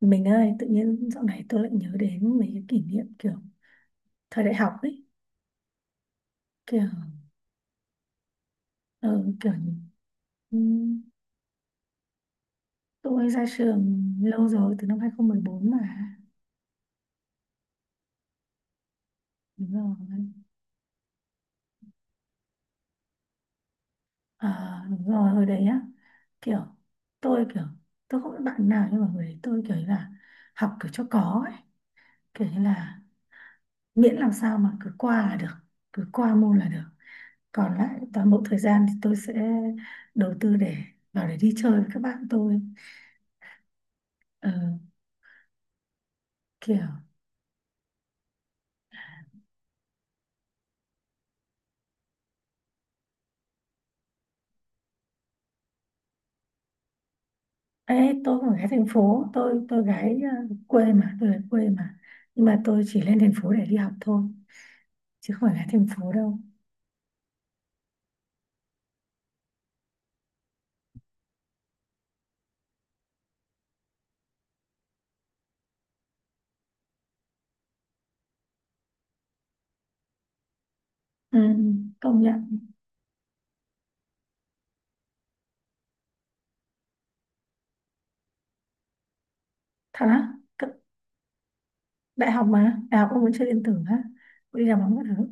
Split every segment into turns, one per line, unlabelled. Mình ơi, tự nhiên dạo này tôi lại nhớ đến mấy cái kỷ niệm kiểu thời đại học ấy, kiểu ờ, kiểu ừm, tôi ra trường lâu rồi từ năm 2014 mà. Đúng rồi. À, đúng rồi, hồi đấy á, kiểu tôi tôi không biết bạn nào nhưng mà hồi đấy tôi kiểu như là học kiểu cho có ấy, kiểu như là miễn làm sao mà cứ qua là được, cứ qua môn là được. Còn lại toàn bộ thời gian thì tôi sẽ đầu tư để vào để đi chơi với các bạn tôi. Ờ, kiểu Ê, tôi không phải gái thành phố, tôi gái quê mà, tôi là quê mà, nhưng mà tôi chỉ lên thành phố để đi học thôi chứ không phải gái thành phố đâu. Ừ, công nhận. Thật á? Cấp đại học mà, đại học ông vẫn chơi điện tử á? Ông đi làm bóng các thứ,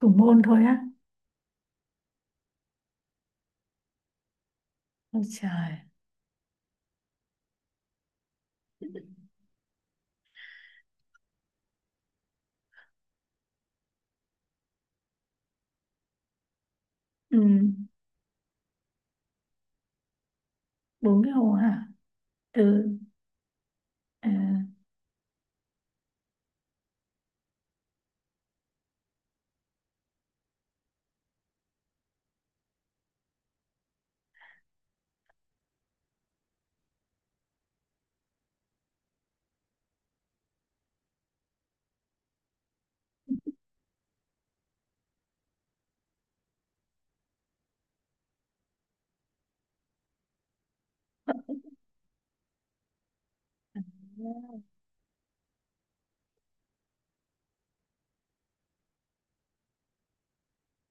thủ môn thôi á? Ôi trời. Ừ, bốn cái hồ hả? Từ à,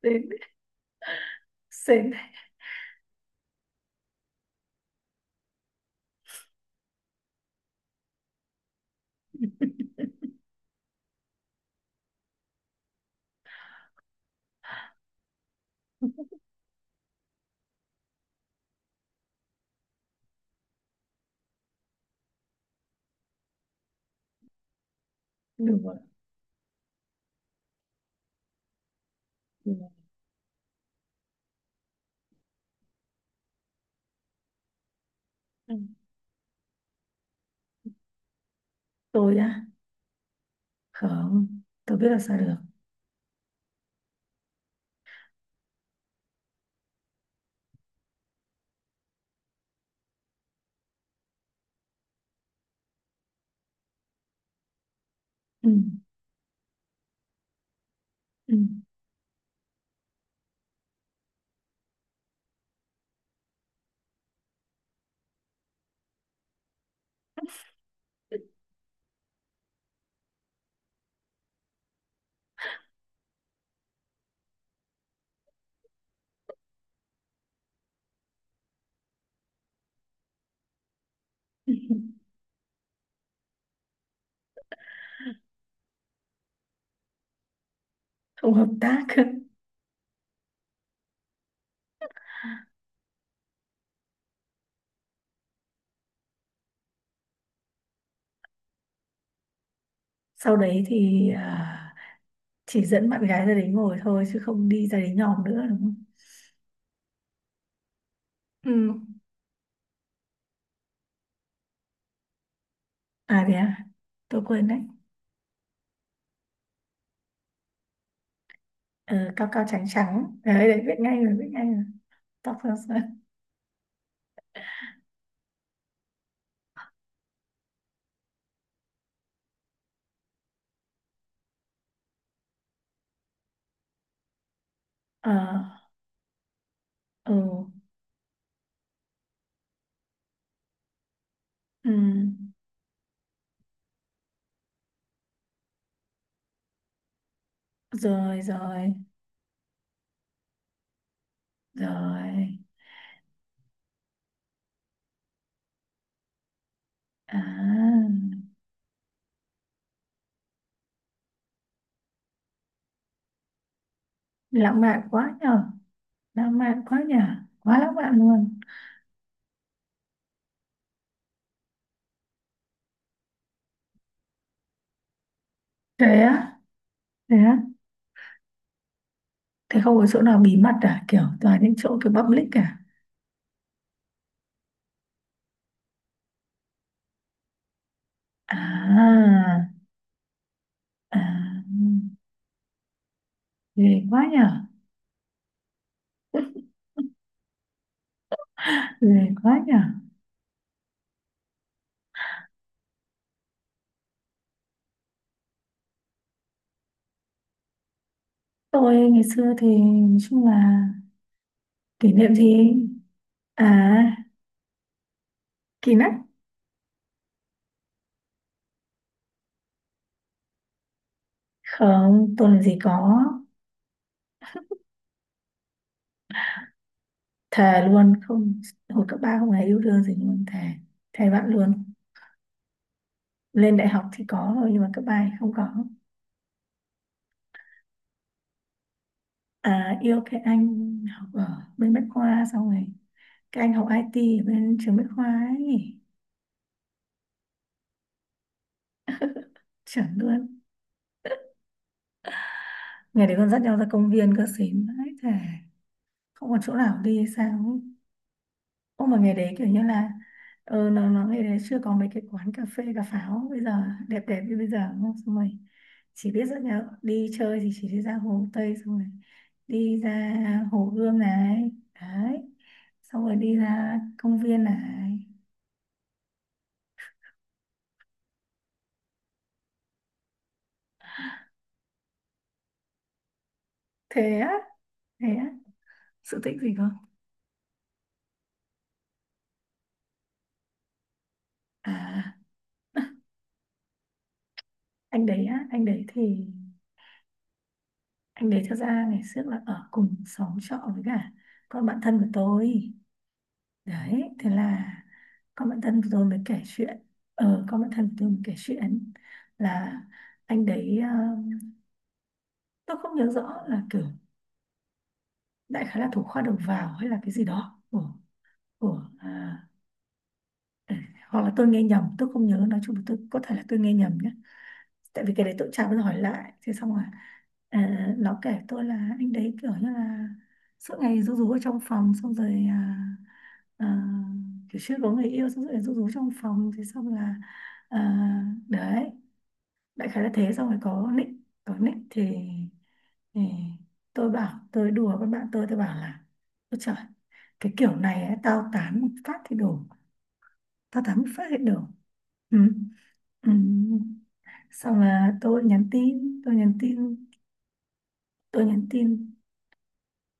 đến sến. Được rồi, đủ rồi. Ừ. Tôi á? Không tôi biết là sao được. Ừ. Ừ. không hợp tác. Sau đấy thì à, chỉ dẫn bạn gái ra đấy ngồi thôi chứ không đi ra đấy nhòm nữa đúng không? Ừ. À thế à? Tôi quên đấy. Ờ, cao cao trắng trắng đấy, đấy biết ngay rồi, biết ngay rồi. Tóc sao sao? Ờ. Ừ, ừ. Rồi rồi rồi. À, lãng mạn quá nhở. Lãng mạn quá nhở, quá lãng mạn luôn. Thế á? Thế á? Thế không có chỗ nào bí mật à, kiểu toàn những chỗ kiểu public cả? À, à. Ghê quá nhở, ghê quá nhở. Tôi ngày xưa thì nói chung là kỷ niệm gì? À, kỳ nách. Không, tôi làm gì có. Thề luôn, không, hồi cấp ba không hề yêu đương gì luôn, thề. Thề bạn luôn. Lên đại học thì có rồi, nhưng mà cấp 3 thì không có. À, yêu cái anh học ở bên Bách Khoa xong rồi. Cái anh học IT ở bên trường Bách Khoa ấy. Chuẩn luôn. Ngày đấy còn dắt nhau ra công viên cơ xín. Đấy, thề. Không còn chỗ nào đi hay sao ấy. Ô mà ngày đấy kiểu như là nó ngày đấy chưa có mấy cái quán cà phê cà pháo bây giờ đẹp đẹp như bây giờ đúng không? Xong rồi chỉ biết rất là đi chơi thì chỉ đi ra Hồ Tây, xong rồi đi ra Hồ Gươm này, đấy, xong rồi đi ra công viên này. Thế á? Thế á? Sự tích gì không? À, anh đấy á, anh đấy thì anh đấy thật ra ngày trước là ở cùng xóm trọ với cả con bạn thân của tôi. Đấy thế là con bạn thân của tôi mới kể chuyện, ờ con bạn thân của tôi mới kể chuyện là anh đấy tôi không nhớ rõ là kiểu đại khái là thủ khoa đầu vào hay là cái gì đó của của à, Ừ, hoặc là tôi nghe nhầm, tôi không nhớ, nói chung là tôi có thể là tôi nghe nhầm nhé, tại vì cái đấy tôi chả bao giờ hỏi lại. Thế xong rồi à, nó kể tôi là anh đấy kiểu như là suốt ngày rú rú ở trong phòng xong rồi à, kiểu chưa có người yêu xong rồi rú rú trong phòng. Thế xong là à, đấy, đại khái là thế. Xong rồi có nick, có nick thì tôi bảo, tôi đùa với bạn tôi bảo là ôi trời cái kiểu này ấy, tao tán một phát thì đủ. Ừ. Ừ. Xong là tôi nhắn tin.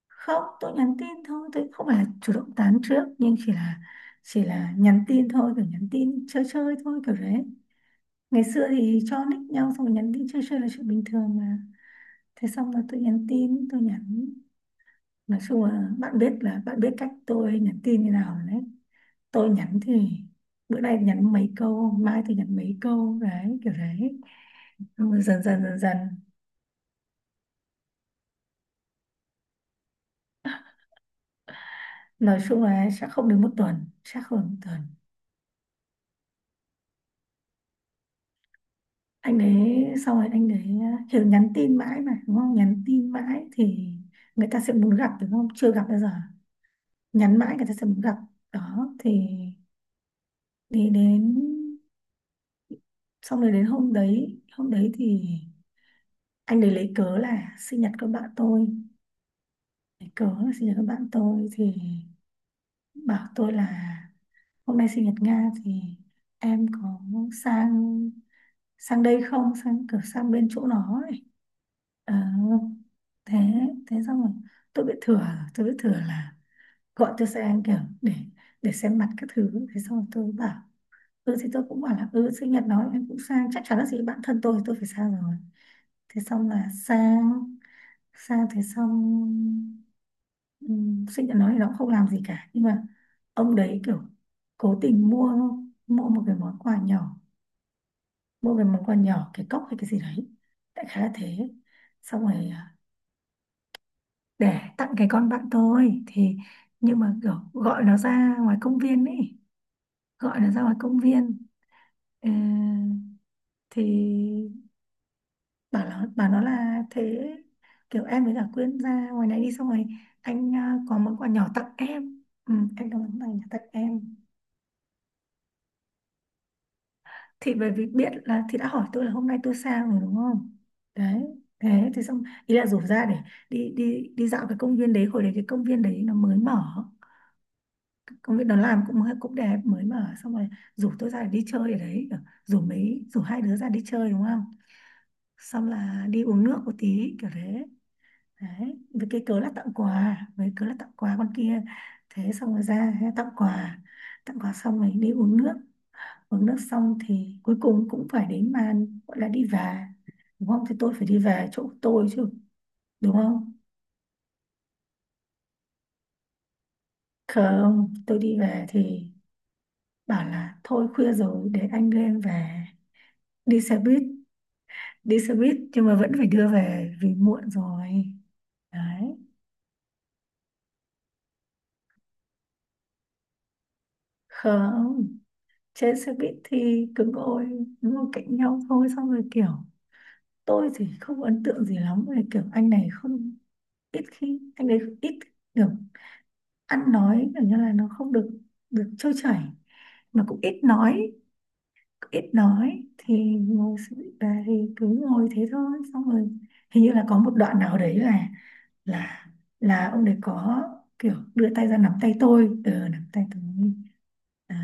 Không, tôi nhắn tin thôi, tôi không phải là chủ động tán trước, nhưng chỉ là nhắn tin thôi, kiểu nhắn tin chơi chơi thôi kiểu đấy. Ngày xưa thì cho nick nhau xong rồi nhắn tin chơi chơi là chuyện bình thường mà. Thế xong là tôi nhắn, nói chung là bạn biết, là bạn biết cách tôi nhắn tin như nào rồi đấy. Tôi nhắn thì bữa nay nhắn mấy câu, mai tôi nhắn mấy câu, đấy kiểu đấy. Ừ, dần dần nói chung là chắc không đến một tuần, chắc không đến một tuần. Anh đấy xong rồi anh đấy à, kiểu nhắn tin mãi mà đúng không, nhắn tin mãi thì người ta sẽ muốn gặp đúng không, chưa gặp bao giờ, nhắn mãi người ta sẽ muốn gặp. Đó thì đi đến xong rồi, đến hôm đấy, hôm đấy thì anh đấy lấy cớ là sinh nhật con bạn tôi, lấy cớ là sinh nhật con bạn tôi thì bảo tôi là hôm nay sinh nhật Nga thì em có sang, sang đây không, sang kiểu sang bên chỗ nó ấy. Ờ, thế thế xong rồi tôi bị thừa, tôi bị thừa là gọi cho xe anh kiểu để xem mặt các thứ. Thế xong rồi tôi bảo ừ, thì tôi cũng bảo là ừ sinh nhật nó em cũng sang, chắc chắn là gì, bạn thân tôi phải sang rồi. Thế xong là sang, sang thế xong ừ, Sách nhận nói thì nó cũng không làm gì cả nhưng mà ông đấy kiểu cố tình mua, mua một cái món quà nhỏ, mua cái món quà nhỏ, cái cốc hay cái gì đấy đại khái là thế. Xong rồi à, để tặng cái con bạn tôi thì nhưng mà kiểu gọi nó ra ngoài công viên ấy, gọi nó ra ngoài công viên. Ờ, thì bảo nó, bảo nó là thế kiểu em với cả Quyên ra ngoài này đi, xong rồi anh à, có món quà nhỏ tặng em, ừ, anh có món quà nhỏ tặng em. Thì bởi vì biết là thì đã hỏi tôi là hôm nay tôi sao rồi đúng không. Đấy thế thì xong, ý là rủ ra để đi, đi dạo cái công viên đấy, hồi đấy cái công viên đấy nó mới mở, công viên nó làm cũng cũng đẹp mới mở xong rồi rủ tôi ra để đi chơi ở đấy kiểu, rủ mấy rủ hai đứa ra đi chơi đúng không, xong là đi uống nước một tí kiểu thế. Đấy với cái cớ là tặng quà, với cớ là tặng quà con kia. Thế xong rồi ra tặng quà, tặng quà xong rồi đi uống nước, uống nước xong thì cuối cùng cũng phải đến màn gọi là đi về đúng không, thì tôi phải đi về chỗ tôi chứ đúng không. Không, tôi đi về thì bảo là thôi khuya rồi để anh đưa em về, đi xe buýt, đi xe buýt nhưng mà vẫn phải đưa về vì muộn rồi. Đấy, không, trên xe buýt thì cứ ngồi, ngồi cạnh nhau thôi xong rồi kiểu tôi thì không ấn tượng gì lắm về kiểu anh này, không ít khi anh ấy ít kiểu ăn nói kiểu như là nó không được được trôi chảy, mà cũng ít nói. Ít nói thì ngồi bà thì cứ ngồi thế thôi xong rồi hình như là có một đoạn nào đấy là là là ông đấy có kiểu đưa tay ra nắm tay tôi, ừ, nắm tay tôi. À,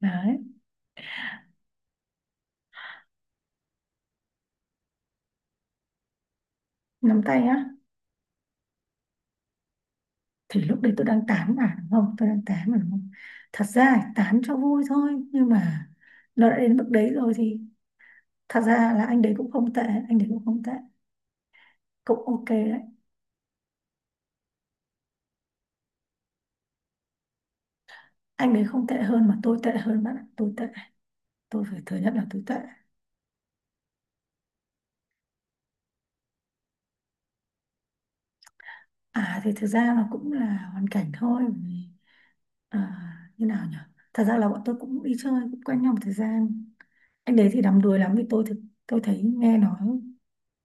đấy. Nắm tay á? Thì lúc đấy tôi đang tán mà đúng không, thật ra tán cho vui thôi nhưng mà nó đã đến mức đấy rồi thì thật ra là anh đấy cũng không tệ, cũng ok đấy. Anh ấy không tệ hơn mà tôi tệ hơn bạn ạ. Tôi tệ, tôi phải thừa nhận là tôi tệ. À thì thực ra nó cũng là hoàn cảnh thôi. Bởi vì, à, như nào nhỉ, thật ra là bọn tôi cũng đi chơi cũng quen nhau một thời gian. Anh đấy thì đắm đuối lắm vì tôi thực, tôi thấy nghe nói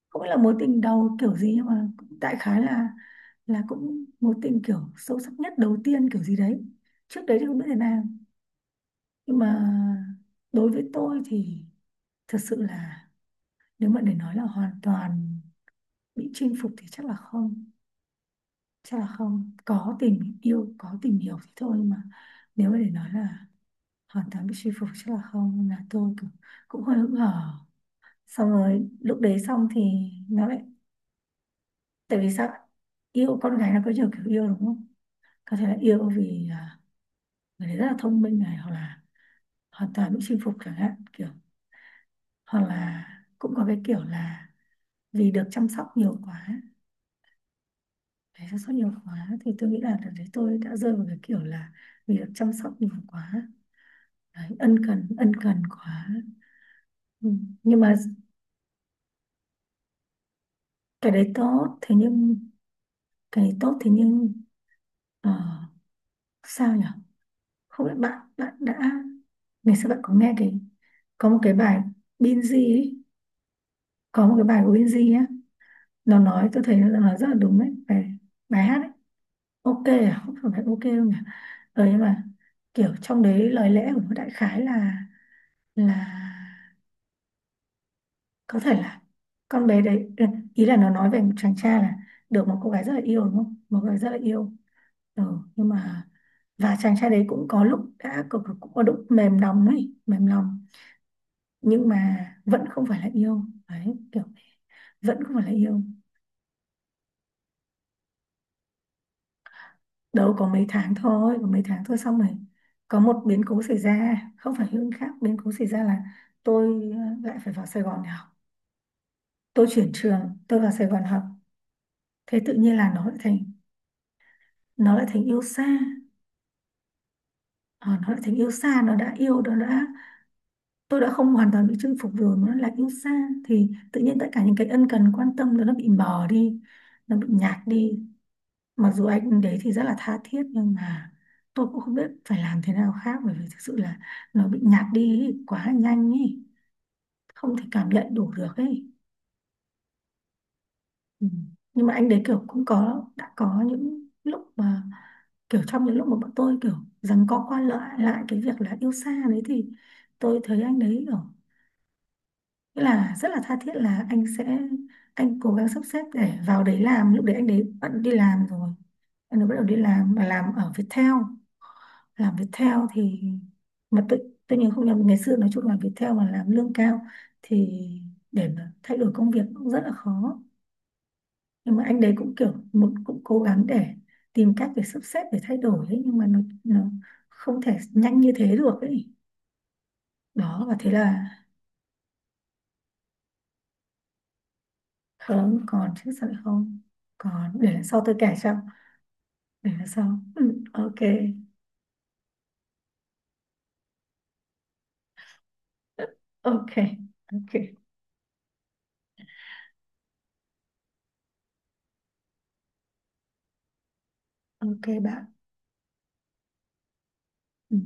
không phải là mối tình đầu kiểu gì nhưng mà cũng đại khái là cũng mối tình kiểu sâu sắc nhất đầu tiên kiểu gì đấy, trước đấy thì không biết thế nào. Nhưng mà đối với tôi thì thật sự là nếu mà để nói là hoàn toàn bị chinh phục thì chắc là không, chắc là không có tình yêu có tình hiểu thì thôi mà, nếu mà để nói là hoàn toàn bị chinh phục chắc là không. Nên là tôi cũng, cũng hơi hững hờ. Xong rồi lúc đấy xong thì nó lại, tại vì sao, yêu con gái nó có nhiều kiểu yêu đúng không, có thể là yêu vì à, người đấy rất là thông minh này, hoặc là hoàn toàn bị chinh phục chẳng hạn kiểu, hoặc là cũng có cái kiểu là vì được chăm sóc nhiều quá. Đấy, chăm sóc nhiều quá thì tôi nghĩ là đợt đấy tôi đã rơi vào cái kiểu là vì được chăm sóc nhiều quá, đấy, ân cần quá. Ừ. Nhưng mà cái đấy tốt thế nhưng cái đấy tốt thế nhưng ờ, sao nhỉ, không biết bạn bạn đã, ngày xưa bạn có nghe cái, có một cái bài Binz ấy, có một cái bài của Binz á, nó nói tôi thấy nó nói rất là đúng đấy bài, bài hát ấy. Ok à? Không phải ok đâu nhỉ. Ừ, nhưng mà kiểu trong đấy lời lẽ của nó đại khái là có thể là con bé đấy ừ, ý là nó nói về một chàng trai là được một cô gái rất là yêu đúng không, một cô gái rất là yêu, ừ, nhưng mà và chàng trai đấy cũng có lúc đã cũng, cũng có lúc mềm lòng ấy, mềm lòng nhưng mà vẫn không phải là yêu, đấy kiểu vẫn không phải là yêu. Đâu có mấy tháng thôi, có mấy tháng thôi xong rồi có một biến cố xảy ra, không phải Hưng khác, biến cố xảy ra là tôi ờ, lại phải vào Sài Gòn để học, tôi chuyển trường, tôi vào Sài Gòn học. Thế tự nhiên là nó lại thành, nó lại thành yêu xa. Ờ, nó lại thành yêu xa, nó đã yêu nó đã, tôi đã không hoàn toàn bị chinh phục rồi mà nó lại yêu xa, thì tự nhiên tất cả những cái ân cần quan tâm nó bị mờ đi, nó bị nhạt đi. Mặc dù anh đấy thì rất là tha thiết nhưng mà tôi cũng không biết phải làm thế nào khác, bởi vì thực sự là nó bị nhạt đi ý, quá nhanh ý, không thể cảm nhận đủ được ấy. Ừ. Nhưng mà anh đấy kiểu cũng có đã có những lúc mà kiểu trong những lúc mà bọn tôi kiểu rằng co qua lại lại cái việc là yêu xa đấy thì tôi thấy anh đấy kiểu nghĩa là rất là tha thiết là anh sẽ, anh cố gắng sắp xếp để vào đấy làm, lúc đấy anh đấy bận đi làm rồi, anh ấy bắt đầu đi làm và làm ở Viettel. Làm Viettel thì mà tự, tôi nhớ không nhầm ngày xưa nói chung là Viettel mà làm lương cao thì để mà thay đổi công việc cũng rất là khó, nhưng mà anh đấy cũng kiểu muốn cũng cố gắng để tìm cách để sắp xếp để thay đổi ấy, nhưng mà nó không thể nhanh như thế được ấy. Đó và thế là không, còn chứ sao lại không còn, để lần sau tôi kể cho, để lần sau ừ, ok. Ok. Ok ok bạn. Ừ.